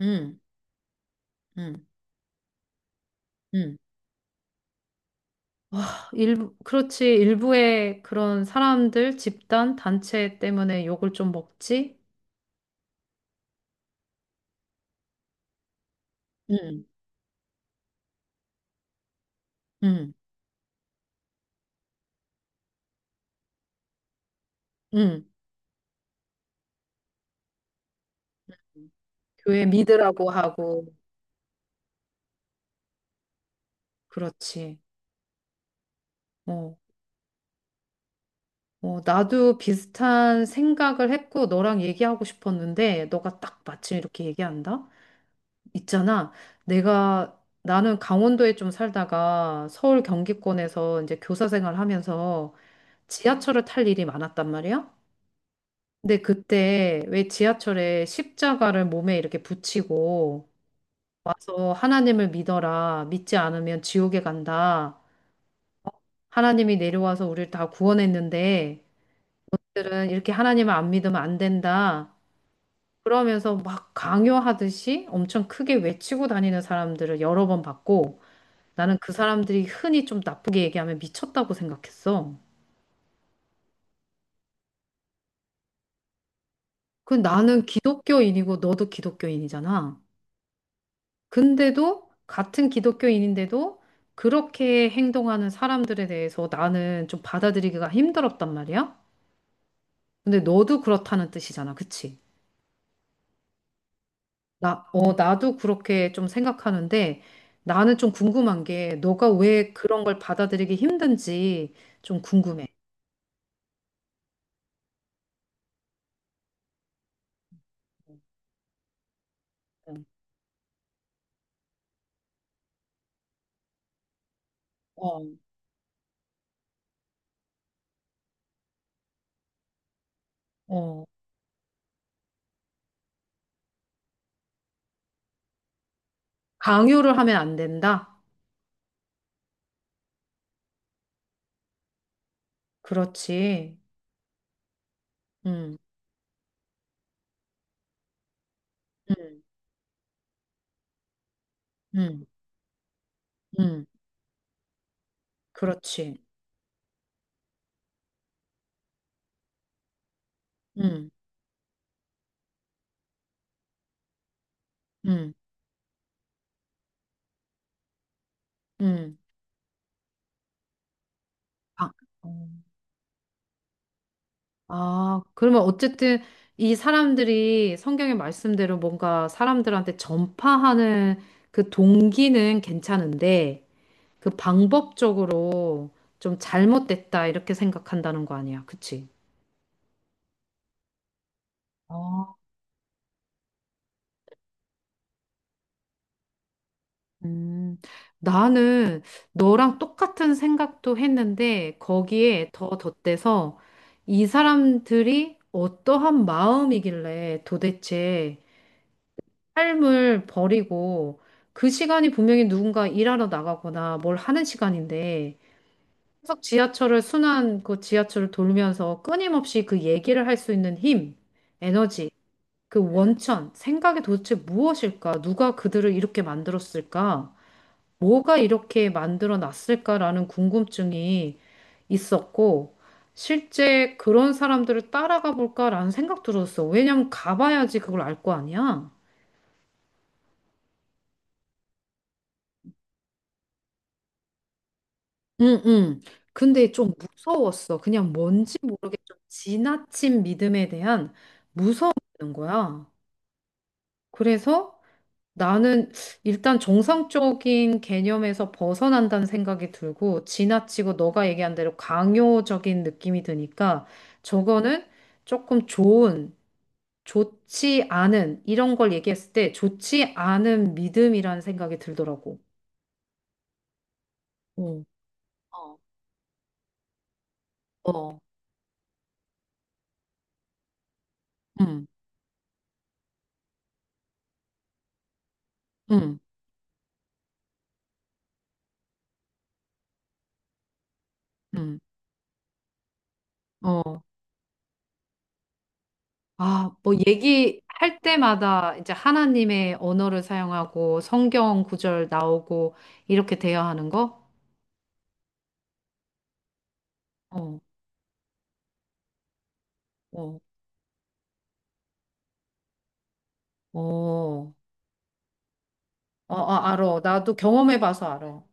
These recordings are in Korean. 음, 음, 음. 와, 일부, 그렇지. 일부의 그런 사람들, 집단, 단체 때문에 욕을 좀 먹지? 음, 음, 음. 교회 믿으라고 하고, 그렇지. 어, 어, 나도 비슷한 생각을 했고, 너랑 얘기하고 싶었는데, 너가 딱 마침 이렇게 얘기한다? 있잖아. 내가, 나는 강원도에 좀 살다가 서울 경기권에서 이제 교사 생활 하면서 지하철을 탈 일이 많았단 말이야. 근데 그때 왜 지하철에 십자가를 몸에 이렇게 붙이고 와서 하나님을 믿어라. 믿지 않으면 지옥에 간다. 하나님이 내려와서 우리를 다 구원했는데 들은 이렇게 하나님을 안 믿으면 안 된다. 그러면서 막 강요하듯이 엄청 크게 외치고 다니는 사람들을 여러 번 봤고 나는 그 사람들이 흔히 좀 나쁘게 얘기하면 미쳤다고 생각했어. 그 나는 기독교인이고 너도 기독교인이잖아. 근데도 같은 기독교인인데도 그렇게 행동하는 사람들에 대해서 나는 좀 받아들이기가 힘들었단 말이야. 근데 너도 그렇다는 뜻이잖아. 그치? 나도 그렇게 좀 생각하는데 나는 좀 궁금한 게 너가 왜 그런 걸 받아들이기 힘든지 좀 궁금해. 응. 어, 어. 강요를 하면 안 된다? 그렇지. 응, 응, 응, 응. 그렇지. 응, 응, 응. 아, 어. 아, 그러면 어쨌든 이 사람들이 성경의 말씀대로 뭔가 사람들한테 전파하는 그 동기는 괜찮은데 그 방법적으로 좀 잘못됐다 이렇게 생각한다는 거 아니야. 그치? 아, 음, 나는 너랑 똑같은 생각도 했는데 거기에 더 덧대서 이 사람들이 어떠한 마음이길래 도대체 삶을 버리고 그 시간이 분명히 누군가 일하러 나가거나 뭘 하는 시간인데 계속 지하철을 순환 그 지하철을 돌면서 끊임없이 그 얘기를 할 수 있는 힘, 에너지, 그 원천, 생각이 도대체 무엇일까? 누가 그들을 이렇게 만들었을까? 뭐가 이렇게 만들어 놨을까라는 궁금증이 있었고 실제 그런 사람들을 따라가 볼까라는 생각 들었어. 왜냐면 가봐야지 그걸 알 거 아니야. 응, 응. 근데 좀 무서웠어. 그냥 뭔지 모르게 좀 지나친 믿음에 대한 무서움이 있는 거야. 그래서 나는 일단 정상적인 개념에서 벗어난다는 생각이 들고 지나치고 너가 얘기한 대로 강요적인 느낌이 드니까 저거는 조금 좋은, 좋지 않은 이런 걸 얘기했을 때 좋지 않은 믿음이라는 생각이 들더라고. 응. 어, 어, 응, 응, 응. 어. 아, 뭐 얘기할 때마다 이제 하나님의 언어를 사용하고 성경 구절 나오고 이렇게 돼야 하는 거? 어, 어, 어, 어, 아, 알어. 나도 경험해봐서 알어.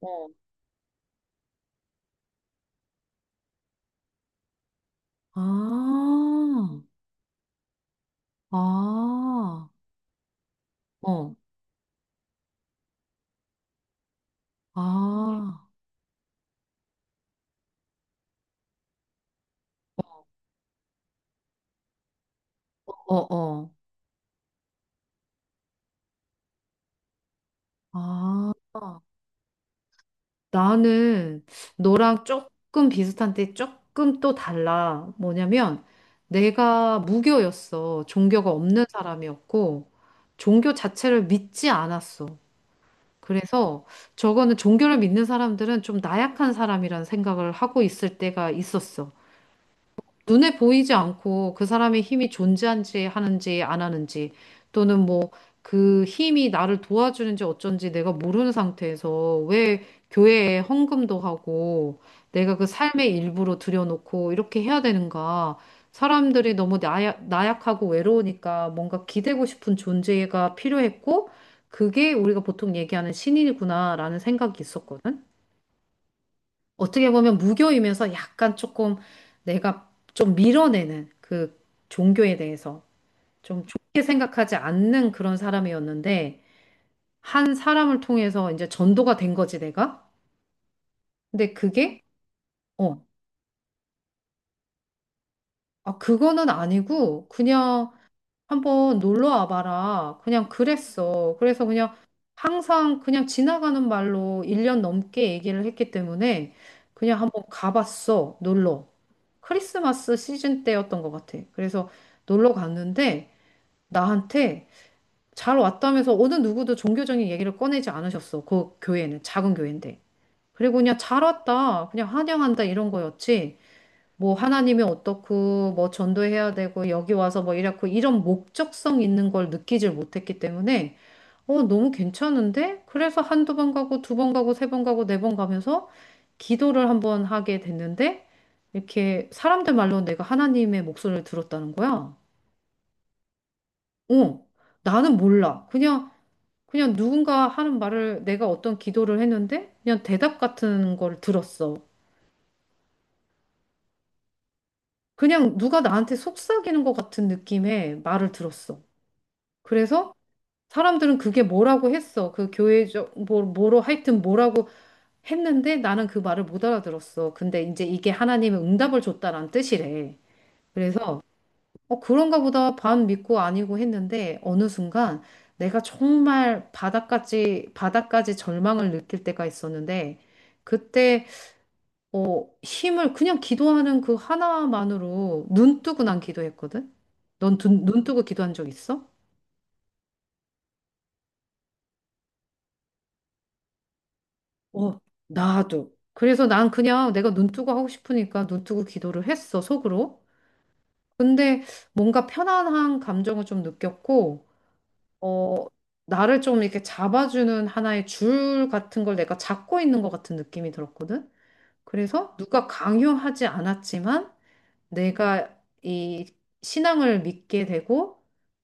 어. 아, 아, 어, 아, 어, 어, 어. 아. 나는 너랑 조금 비슷한데 조금 또 달라. 뭐냐면 내가 무교였어. 종교가 없는 사람이었고 종교 자체를 믿지 않았어. 그래서 저거는 종교를 믿는 사람들은 좀 나약한 사람이란 생각을 하고 있을 때가 있었어. 눈에 보이지 않고 그 사람의 힘이 존재한지 하는지 안 하는지 또는 뭐 그 힘이 나를 도와주는지 어쩐지 내가 모르는 상태에서 왜 교회에 헌금도 하고 내가 그 삶의 일부로 들여놓고 이렇게 해야 되는가? 사람들이 너무 나약하고 외로우니까 뭔가 기대고 싶은 존재가 필요했고 그게 우리가 보통 얘기하는 신인이구나라는 생각이 있었거든. 어떻게 보면 무교이면서 약간 조금 내가 좀 밀어내는 그 종교에 대해서 좀 좋게 생각하지 않는 그런 사람이었는데 한 사람을 통해서 이제 전도가 된 거지 내가? 근데 그게 어, 아, 그거는 아니고 그냥 한번 놀러 와봐라. 그냥 그랬어. 그래서 그냥 항상 그냥 지나가는 말로 1년 넘게 얘기를 했기 때문에 그냥 한번 가봤어. 놀러. 크리스마스 시즌 때였던 것 같아. 그래서 놀러 갔는데 나한테 잘 왔다면서 어느 누구도 종교적인 얘기를 꺼내지 않으셨어. 그 교회는 작은 교회인데. 그리고 그냥 잘 왔다. 그냥 환영한다. 이런 거였지. 뭐 하나님이 어떻고 뭐 전도해야 되고 여기 와서 뭐 이렇고 이런 목적성 있는 걸 느끼질 못했기 때문에 어 너무 괜찮은데? 그래서 한두 번 가고 두 번 가고 세 번 가고 네 번 가면서 기도를 한번 하게 됐는데 이렇게 사람들 말로 내가 하나님의 목소리를 들었다는 거야. 어, 나는 몰라. 그냥 누군가 하는 말을 내가 어떤 기도를 했는데 그냥 대답 같은 걸 들었어. 그냥 누가 나한테 속삭이는 것 같은 느낌의 말을 들었어. 그래서 사람들은 그게 뭐라고 했어. 그 교회적, 뭐로 하여튼 뭐라고 했는데 나는 그 말을 못 알아들었어. 근데 이제 이게 하나님의 응답을 줬다는 뜻이래. 그래서, 어, 그런가 보다 반 믿고 아니고 했는데 어느 순간 내가 정말 바닥까지, 바닥까지 절망을 느낄 때가 있었는데 그때, 어, 힘을 그냥 기도하는 그 하나만으로 눈 뜨고 난 기도했거든? 넌눈 뜨고 기도한 적 있어? 어, 나도. 그래서 난 그냥 내가 눈 뜨고 하고 싶으니까 눈 뜨고 기도를 했어, 속으로. 근데 뭔가 편안한 감정을 좀 느꼈고, 어, 나를 좀 이렇게 잡아주는 하나의 줄 같은 걸 내가 잡고 있는 것 같은 느낌이 들었거든? 그래서 누가 강요하지 않았지만, 내가 이 신앙을 믿게 되고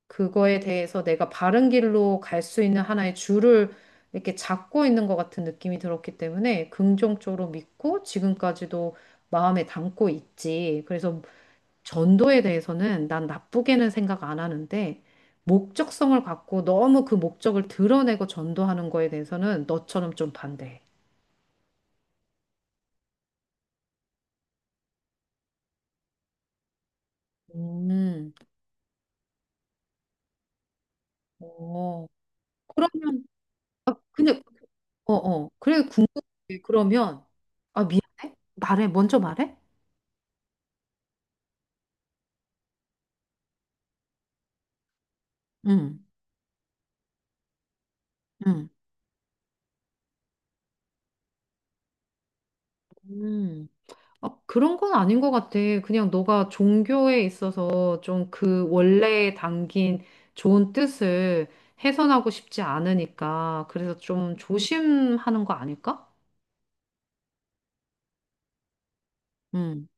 그거에 대해서 내가 바른 길로 갈 수 있는 하나의 줄을 이렇게 잡고 있는 것 같은 느낌이 들었기 때문에 긍정적으로 믿고 지금까지도 마음에 담고 있지. 그래서 전도에 대해서는 난 나쁘게는 생각 안 하는데 목적성을 갖고 너무 그 목적을 드러내고 전도하는 거에 대해서는 너처럼 좀 반대해. 음, 어, 그러면 아, 근데 어, 어. 그래, 궁금해. 그러면, 아, 미안해? 말해. 먼저 말해? 응, 응. 음. 아, 그런 건 아닌 것 같아. 그냥 너가 종교에 있어서 좀 그 원래에 담긴 좋은 뜻을 훼손하고 싶지 않으니까. 그래서 좀 조심하는 거 아닐까? 응.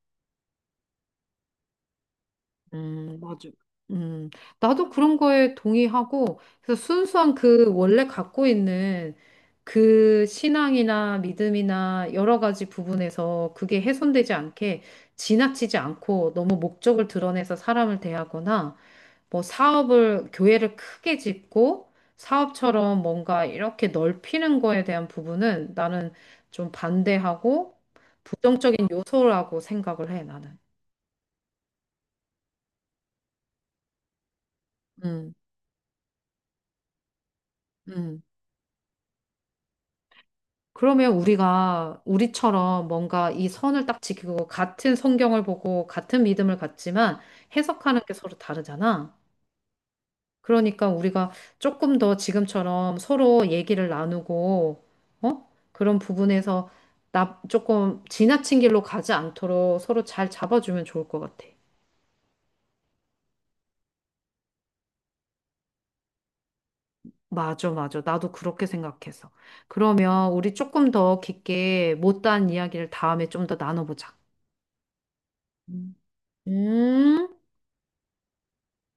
맞아. 음, 나도 그런 거에 동의하고, 그래서 순수한 그 원래 갖고 있는 그 신앙이나 믿음이나 여러 가지 부분에서 그게 훼손되지 않게 지나치지 않고 너무 목적을 드러내서 사람을 대하거나 뭐 사업을, 교회를 크게 짓고 사업처럼 뭔가 이렇게 넓히는 거에 대한 부분은 나는 좀 반대하고 부정적인 요소라고 생각을 해, 나는. 음, 음. 그러면 우리가 우리처럼 뭔가 이 선을 딱 지키고 같은 성경을 보고 같은 믿음을 갖지만 해석하는 게 서로 다르잖아. 그러니까 우리가 조금 더 지금처럼 서로 얘기를 나누고, 어? 그런 부분에서 나 조금 지나친 길로 가지 않도록 서로 잘 잡아주면 좋을 것 같아. 맞아, 맞아. 나도 그렇게 생각해서. 그러면 우리 조금 더 깊게 못다한 이야기를 다음에 좀 더 나눠보자. 음. 음.